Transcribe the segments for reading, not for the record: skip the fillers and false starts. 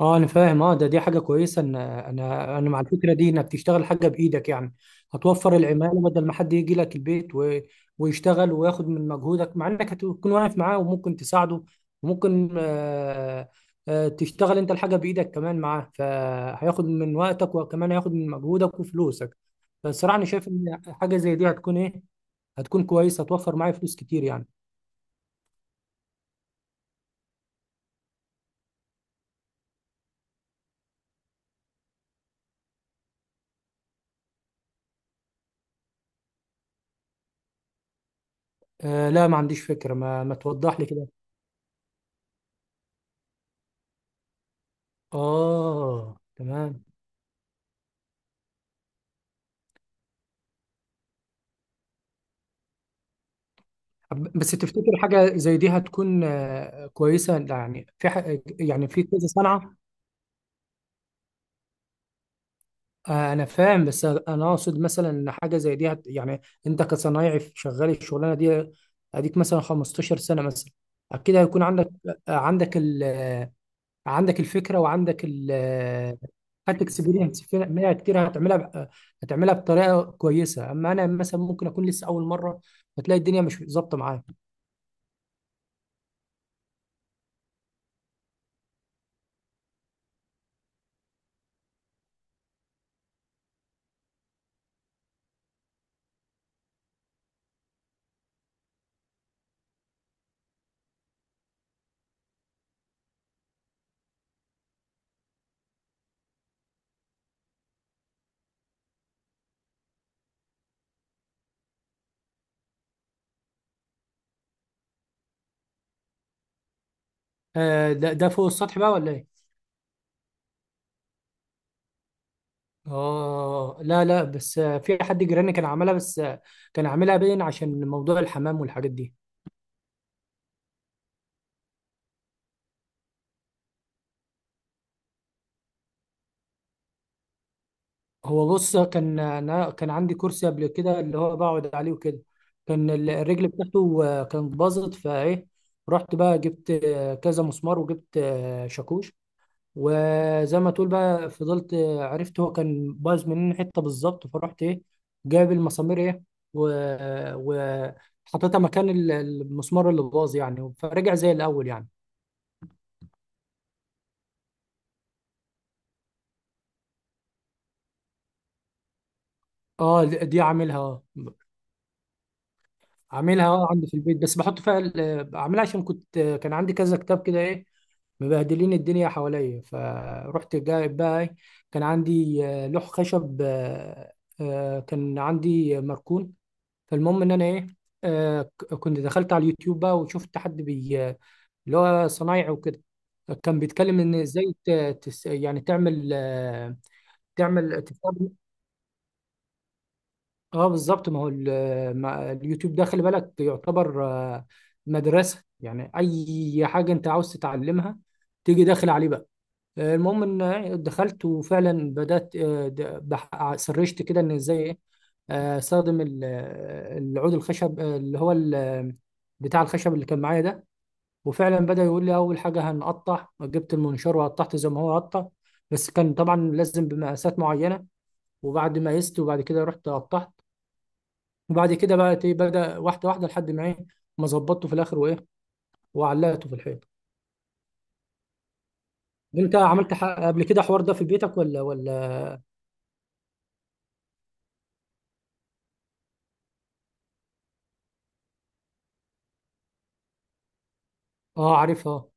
اه انا فاهم، اه ده دي حاجه كويسه ان انا مع الفكره دي انك تشتغل حاجه بايدك يعني. هتوفر العماله بدل ما حد يجي لك البيت ويشتغل وياخد من مجهودك، مع انك هتكون واقف معاه وممكن تساعده وممكن تشتغل انت الحاجه بايدك كمان معاه، فهياخد من وقتك وكمان هياخد من مجهودك وفلوسك. فالصراحه انا شايف ان حاجه زي دي هتكون ايه، هتكون كويسه، هتوفر معايا فلوس كتير يعني. لا، ما عنديش فكره. ما توضح لي كده. اه تمام. طب بس تفتكر حاجة زي دي هتكون كويسة يعني في يعني في كذا صنعة. أنا فاهم، بس أنا أقصد مثلا إن حاجة زي دي هت يعني، أنت كصنايعي شغال الشغلانة دي أديك مثلا 15 سنة مثلا، أكيد هيكون عندك عندك ال آه، عندك الفكرة وعندك ال آه، خدت اكسبيرينس في منها كتير، هتعملها هتعملها بطريقة كويسة. أما أنا مثلا ممكن أكون لسه أول مرة فتلاقي الدنيا مش ظابطة معايا. ده فوق السطح بقى ولا إيه؟ اه، لا لا، بس في حد جيراني كان عاملها، بس كان عاملها باين عشان موضوع الحمام والحاجات دي. هو بص، كان انا كان عندي كرسي قبل كده اللي هو بقعد عليه وكده. كان الرجل بتاعته كانت باظت فايه. رحت بقى جبت كذا مسمار وجبت شاكوش. وزي ما تقول بقى فضلت عرفت هو كان باظ منين حته بالظبط، فرحت ايه، جايب المسامير ايه، و... و... حطيتها مكان المسمار اللي باظ يعني، فرجع زي الاول يعني. اه، دي عاملها اه، عاملها اه عندي في البيت، بس بحط فيها بعملها عشان كان عندي كذا كتاب كده ايه، مبهدلين الدنيا حواليا، فرحت جايب بقى ايه، كان عندي لوح خشب كان عندي مركون. فالمهم ان انا ايه، كنت دخلت على اليوتيوب بقى وشفت حد بي، اللي هو صنايعي وكده، كان بيتكلم ان ازاي يعني تعمل تعمل. اه بالظبط، ما هو اليوتيوب ده خلي بالك يعتبر مدرسة، يعني أي حاجة أنت عاوز تتعلمها تيجي داخل عليه بقى. المهم إن دخلت وفعلا بدأت سرشت كده إن إزاي إيه أستخدم العود الخشب اللي هو بتاع الخشب اللي كان معايا ده. وفعلا بدأ يقول لي أول حاجة هنقطع، جبت المنشار وقطعت زي ما هو قطع. بس كان طبعا لازم بمقاسات معينة. وبعد ما قست وبعد كده رحت قطعت. وبعد كده بقى ايه بدأ واحدة واحدة لحد ما ايه ما ظبطته في الآخر، وإيه، وعلقته في الحيط. أنت عملت قبل كده حوار ده في بيتك ولا؟ آه عارفها.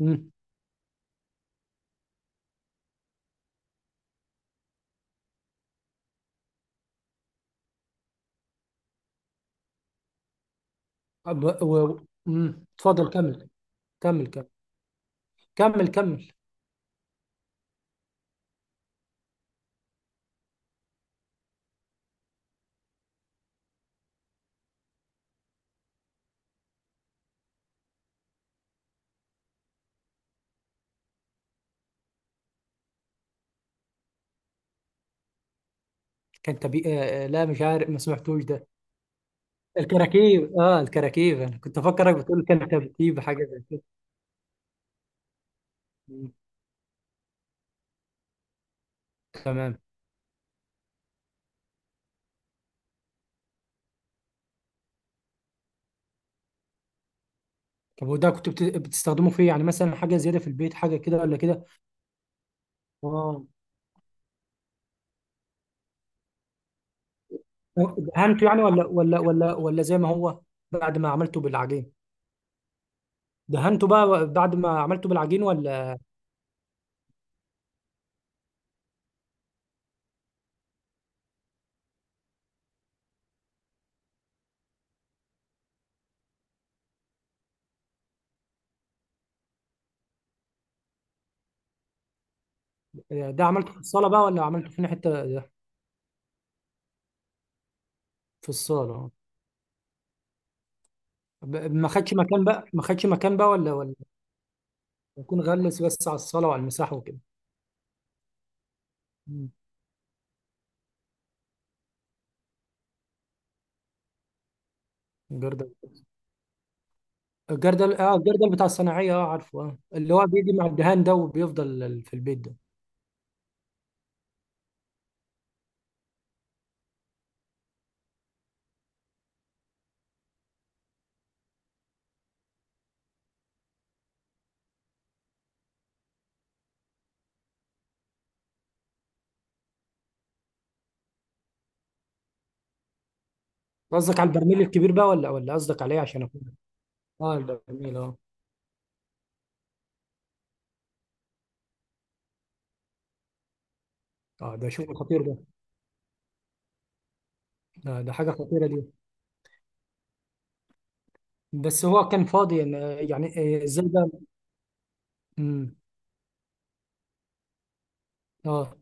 امم. أب- و- امم. اتفضل كمل. كمل كمل. كمل كمل. كان تبي لا، مش عارف، ما سمعتوش ده. الكراكيب، انا كنت افكرك بتقول كان ترتيب حاجه زي كده. مم. تمام. طب وده كنت بتستخدمه في إيه؟ يعني مثلا حاجه زياده في البيت، حاجه كده ولا كده. اه، دهنته يعني ولا زي ما هو بعد ما عملته بالعجين؟ دهنته بقى بعد ما عملته بالعجين ولا؟ ده عملته في الصالة بقى ولا عملته في حتة؟ في الصالة. ما خدش مكان بقى، ما خدش مكان بقى ولا؟ يكون غلس بس على الصالة وعلى المساحة وكده. مم. الجردل. الجردل بتاع الصناعية، اه عارفه، اه اللي هو بيجي مع الدهان ده وبيفضل في البيت ده. قصدك على البرميل الكبير بقى ولا قصدك عليه عشان اكون. اه البرميل اه. اه ده شغل خطير ده. ده حاجة خطيرة دي. بس هو كان فاضي يعني، يعني ازاي ده. امم. اه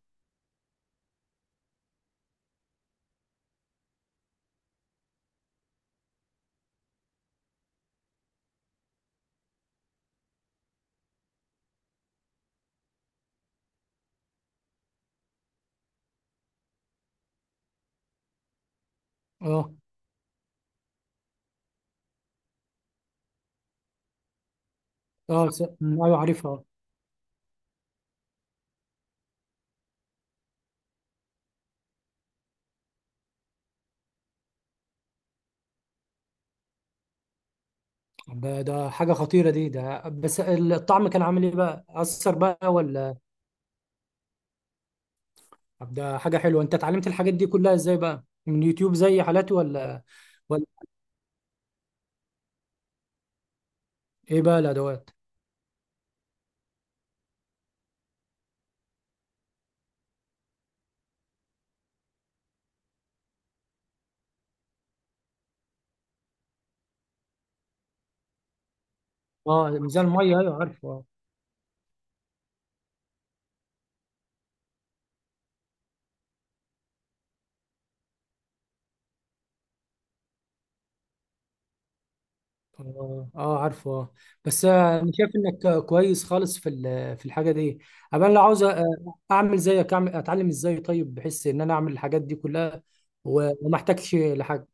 اه اه أمم، ايوه عارفها. ده حاجه خطيره دي، ده بس الطعم كان عامل ايه بقى اثر بقى ولا؟ طب ده حاجه حلوه، انت اتعلمت الحاجات دي كلها ازاي بقى من يوتيوب زي حالاتي ولا؟ ايه بقى الادوات؟ اه ميزان الميه ايوه عارفه. اه اه عارفه اه. بس انا شايف انك كويس خالص في في الحاجه دي. أبقى انا لو عاوز اعمل زيك، اتعلم ازاي طيب، بحيث ان انا اعمل الحاجات دي كلها وما احتاجش لحاجه.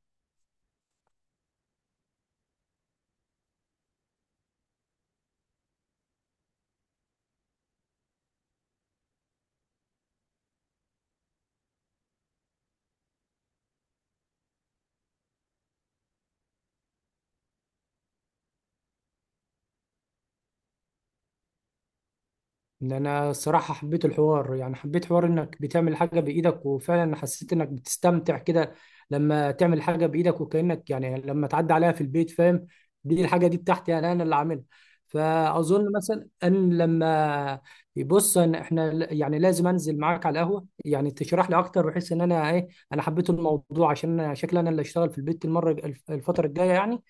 ان انا الصراحه حبيت الحوار يعني، حبيت حوار انك بتعمل حاجه بايدك، وفعلا حسيت انك بتستمتع كده لما تعمل حاجه بايدك، وكانك يعني لما تعدي عليها في البيت فاهم، دي الحاجه دي بتاعتي، انا اللي عاملها. فاظن مثلا ان لما يبص ان احنا يعني لازم انزل معاك على القهوه يعني تشرح لي اكتر، بحيث ان انا ايه، انا حبيت الموضوع عشان انا شكلي انا اللي اشتغل في البيت المره الفتره الجايه يعني.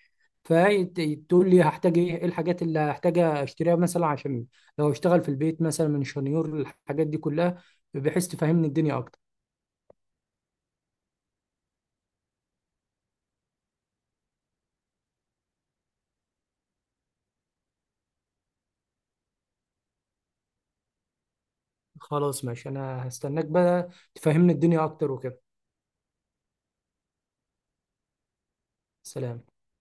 فتقول لي هحتاج ايه، إيه الحاجات اللي هحتاج اشتريها مثلا عشان لو اشتغل في البيت مثلا من شنيور الحاجات دي كلها، بحيث تفهمني الدنيا اكتر. خلاص ماشي، انا هستناك بقى تفهمني الدنيا اكتر وكده. سلام.